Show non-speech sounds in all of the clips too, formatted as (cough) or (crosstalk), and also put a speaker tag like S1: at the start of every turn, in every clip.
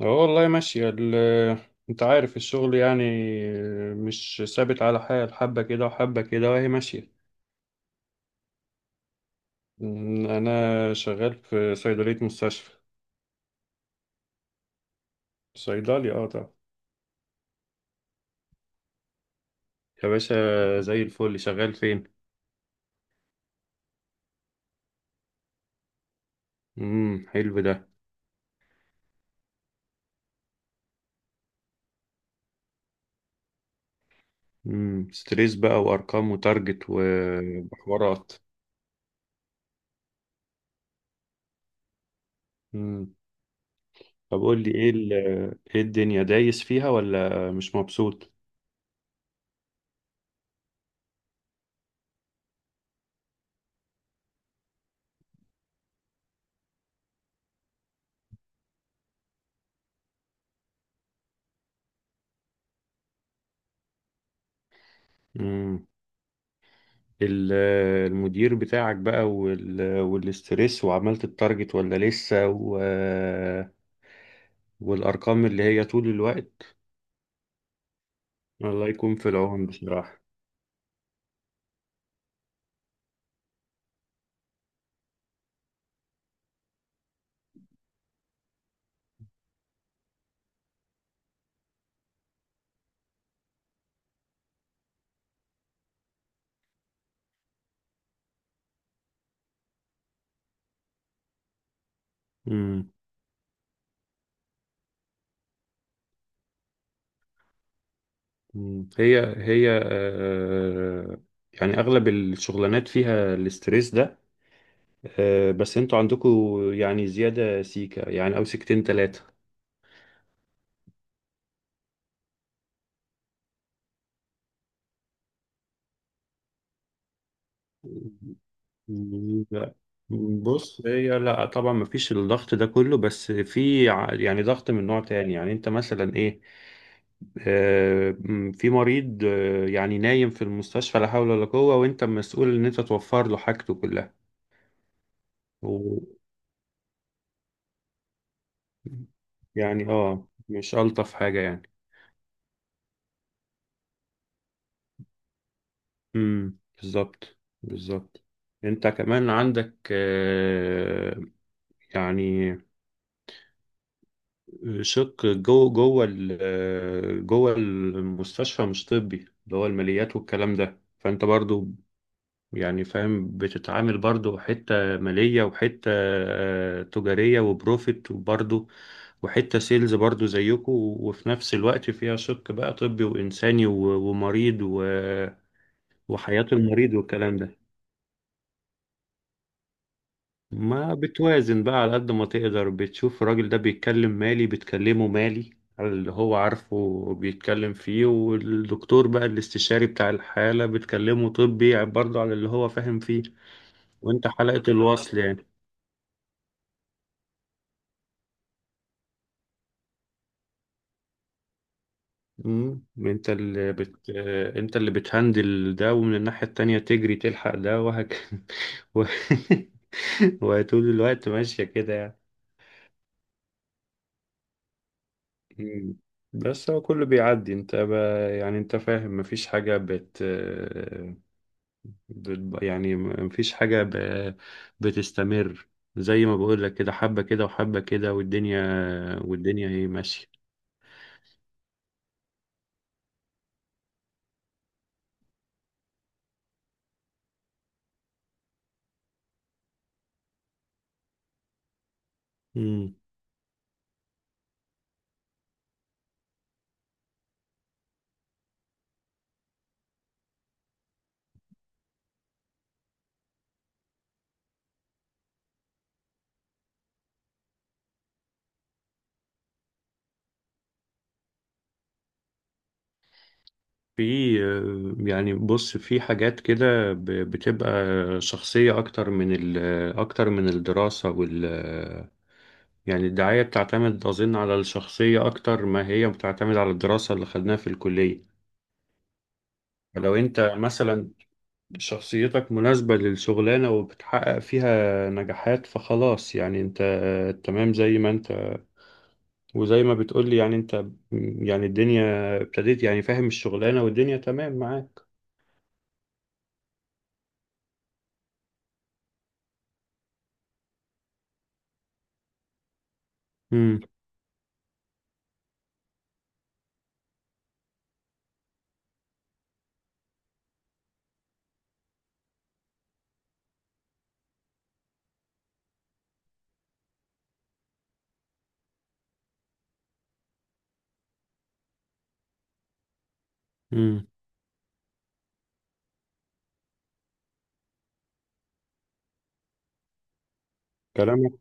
S1: اه، والله ماشية انت عارف الشغل يعني مش ثابت على حال، حبة كده وحبة كده وهي ماشية. انا شغال في صيدلية مستشفى. صيدلي، اه طبعا. يا باشا، زي الفل. شغال فين؟ امم، حلو ده. ستريس بقى، وارقام وتارجت وحوارات. امم. طب قول لي ايه ايه الدنيا، دايس فيها ولا مش مبسوط؟ ال- المدير بتاعك بقى والاسترس، وعملت التارجت ولا لسه، والأرقام اللي هي طول الوقت. الله يكون في العون بصراحة. مم. مم. هي هي، يعني أغلب الشغلانات فيها الاسترس ده. بس انتوا عندكوا يعني زيادة سيكة، يعني أو سيكتين تلاتة. لا، بص، هي لا طبعا مفيش الضغط ده كله، بس في يعني ضغط من نوع تاني. يعني انت مثلا ايه، في مريض، يعني نايم في المستشفى لا حول ولا قوة، وانت مسؤول ان انت توفر له حاجته كلها و... يعني، اه مش ألطف حاجة يعني. امم، بالظبط بالظبط. انت كمان عندك، يعني شق جوه المستشفى مش طبي، اللي هو الماليات والكلام ده. فانت برضو يعني، فاهم، بتتعامل برضو حتة مالية، وحتة تجارية وبروفيت، وبرضو وحتة سيلز برضو زيكم، وفي نفس الوقت فيها شق بقى طبي وإنساني، ومريض وحياة المريض والكلام ده. ما بتوازن بقى على قد ما تقدر. بتشوف الراجل ده بيتكلم مالي، بتكلمه مالي على اللي هو عارفه بيتكلم فيه، والدكتور بقى الاستشاري بتاع الحالة بتكلمه طبي برضه على اللي هو فاهم فيه، وانت حلقة الوصل يعني. مم. انت اللي بتهندل ده، ومن الناحية التانية تجري تلحق ده (laughs) و... (laughs) وطول الوقت ماشية كده يعني. مم. بس هو كله بيعدي. يعني انت فاهم، مفيش حاجة يعني مفيش حاجة بتستمر. زي ما بقول لك كده، حبة كده وحبة كده، والدنيا، والدنيا هي ماشية. في، يعني بص في حاجات كده بتبقى شخصية أكتر من أكتر من الدراسة يعني الدعاية بتعتمد أظن على الشخصية أكتر ما هي بتعتمد على الدراسة اللي خدناها في الكلية. فلو أنت مثلا شخصيتك مناسبة للشغلانة وبتحقق فيها نجاحات، فخلاص يعني أنت، تمام زي ما أنت، وزي ما بتقولي يعني أنت، يعني الدنيا ابتديت يعني، فاهم، الشغلانة والدنيا تمام معاك. امم. امم. كلامك.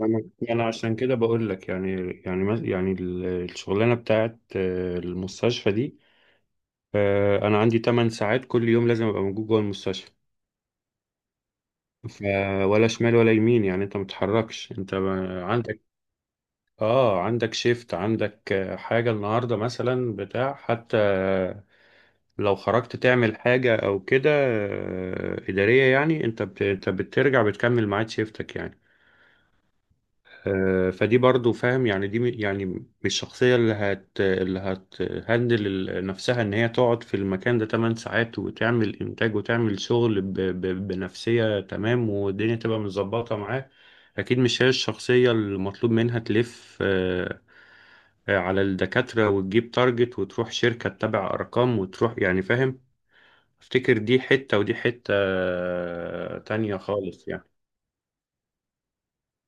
S1: انا يعني أنا عشان كده بقول لك يعني. يعني يعني الشغلانه بتاعت، المستشفى دي، انا عندي 8 ساعات كل يوم لازم ابقى موجود جوه المستشفى. ف- ولا شمال ولا يمين. يعني انت ما بتتحركش. انت عندك، اه عندك شيفت، عندك حاجه النهارده مثلا بتاع حتى لو خرجت تعمل حاجه او كده اداريه، يعني انت انت بترجع بتكمل ميعاد شيفتك يعني. فدي برضو، فاهم، يعني دي يعني مش الشخصية اللي هتهندل نفسها ان هي تقعد في المكان ده 8 ساعات وتعمل انتاج وتعمل شغل بنفسية تمام والدنيا تبقى متظبطة معاه. اكيد مش هي الشخصية المطلوب منها تلف، على الدكاترة وتجيب تارجت وتروح شركة تتابع ارقام وتروح، يعني فاهم. افتكر دي حتة ودي حتة تانية خالص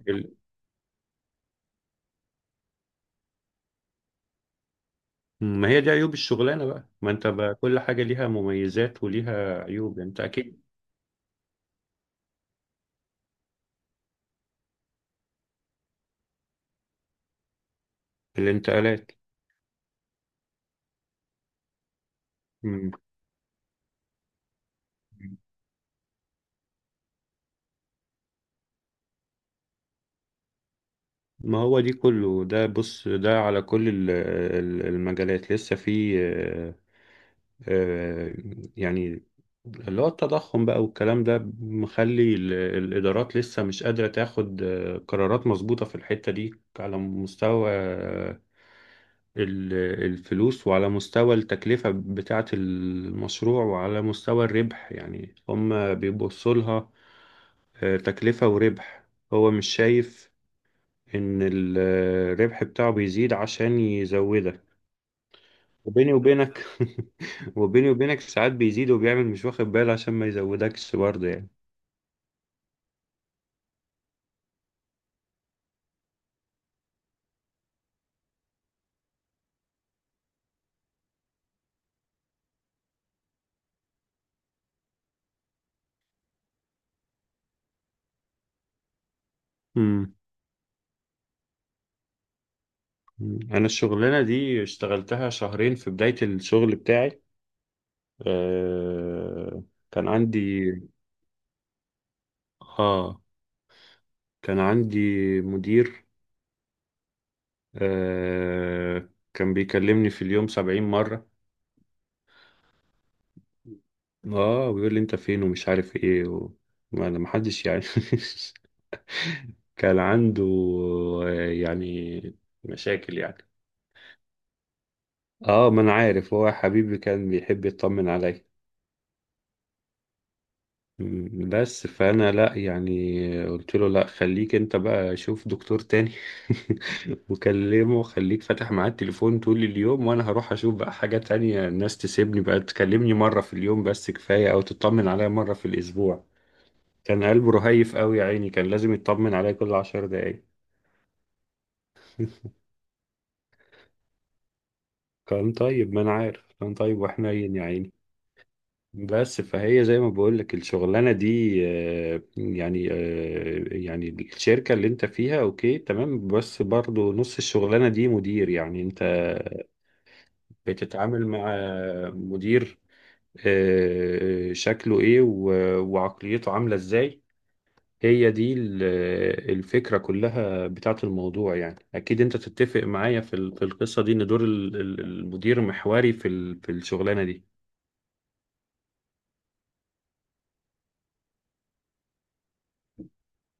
S1: يعني. ما هي دي عيوب الشغلانة بقى. ما انت بقى كل حاجة ليها مميزات وليها عيوب، انت اكيد. الانتقالات. مم. ما هو دي كله ده، بص ده على كل المجالات لسه في، آه، يعني اللي هو التضخم بقى والكلام ده مخلي الإدارات لسه مش قادرة تاخد قرارات مظبوطة في الحتة دي، على مستوى ال- الفلوس، وعلى مستوى التكلفة بتاعة المشروع، وعلى مستوى الربح. يعني هم بيبصوا لها تكلفة وربح. هو مش شايف إن الربح بتاعه بيزيد عشان يزودك. وبيني وبينك، (laughs) وبيني وبينك ساعات بيزيد، وبيعمل مش واخد باله عشان ما يزودكش برضه يعني. مم. أنا الشغلانة دي اشتغلتها شهرين في بداية الشغل بتاعي. آه، كان عندي، اه كان عندي مدير آه كان بيكلمني في اليوم 70 مرة. اه ويقول لي انت فين ومش عارف ايه ما انا محدش يعني. (laughs) كان عنده، يعني مشاكل يعني. اه، ما انا عارف، هو حبيبي كان بيحب يطمن عليا. بس فانا لا يعني. قلت له لا خليك انت بقى شوف دكتور تاني. (laughs) وكلمه خليك فاتح معاه التليفون طول اليوم، وانا هروح اشوف بقى حاجة تانية. الناس تسيبني بقى، تكلمني مرة في اليوم بس كفاية، او تطمن عليا مرة في الاسبوع. كان قلبه رهيف قوي يا عيني، كان لازم يطمن عليا كل 10 دقايق. (laughs) كان طيب، ما انا عارف، كان طيب وحنين يا عيني. بس فهي زي ما بقول لك الشغلانه دي، يعني الشركه اللي انت فيها اوكي تمام، بس برضو نص الشغلانه دي مدير. يعني انت بتتعامل مع مدير، شكله ايه وعقليته عامله ازاي. هي دي الفكره كلها بتاعت الموضوع يعني. اكيد انت تتفق معايا في في القصه دي، ان دور المدير محوري في في الشغلانه دي.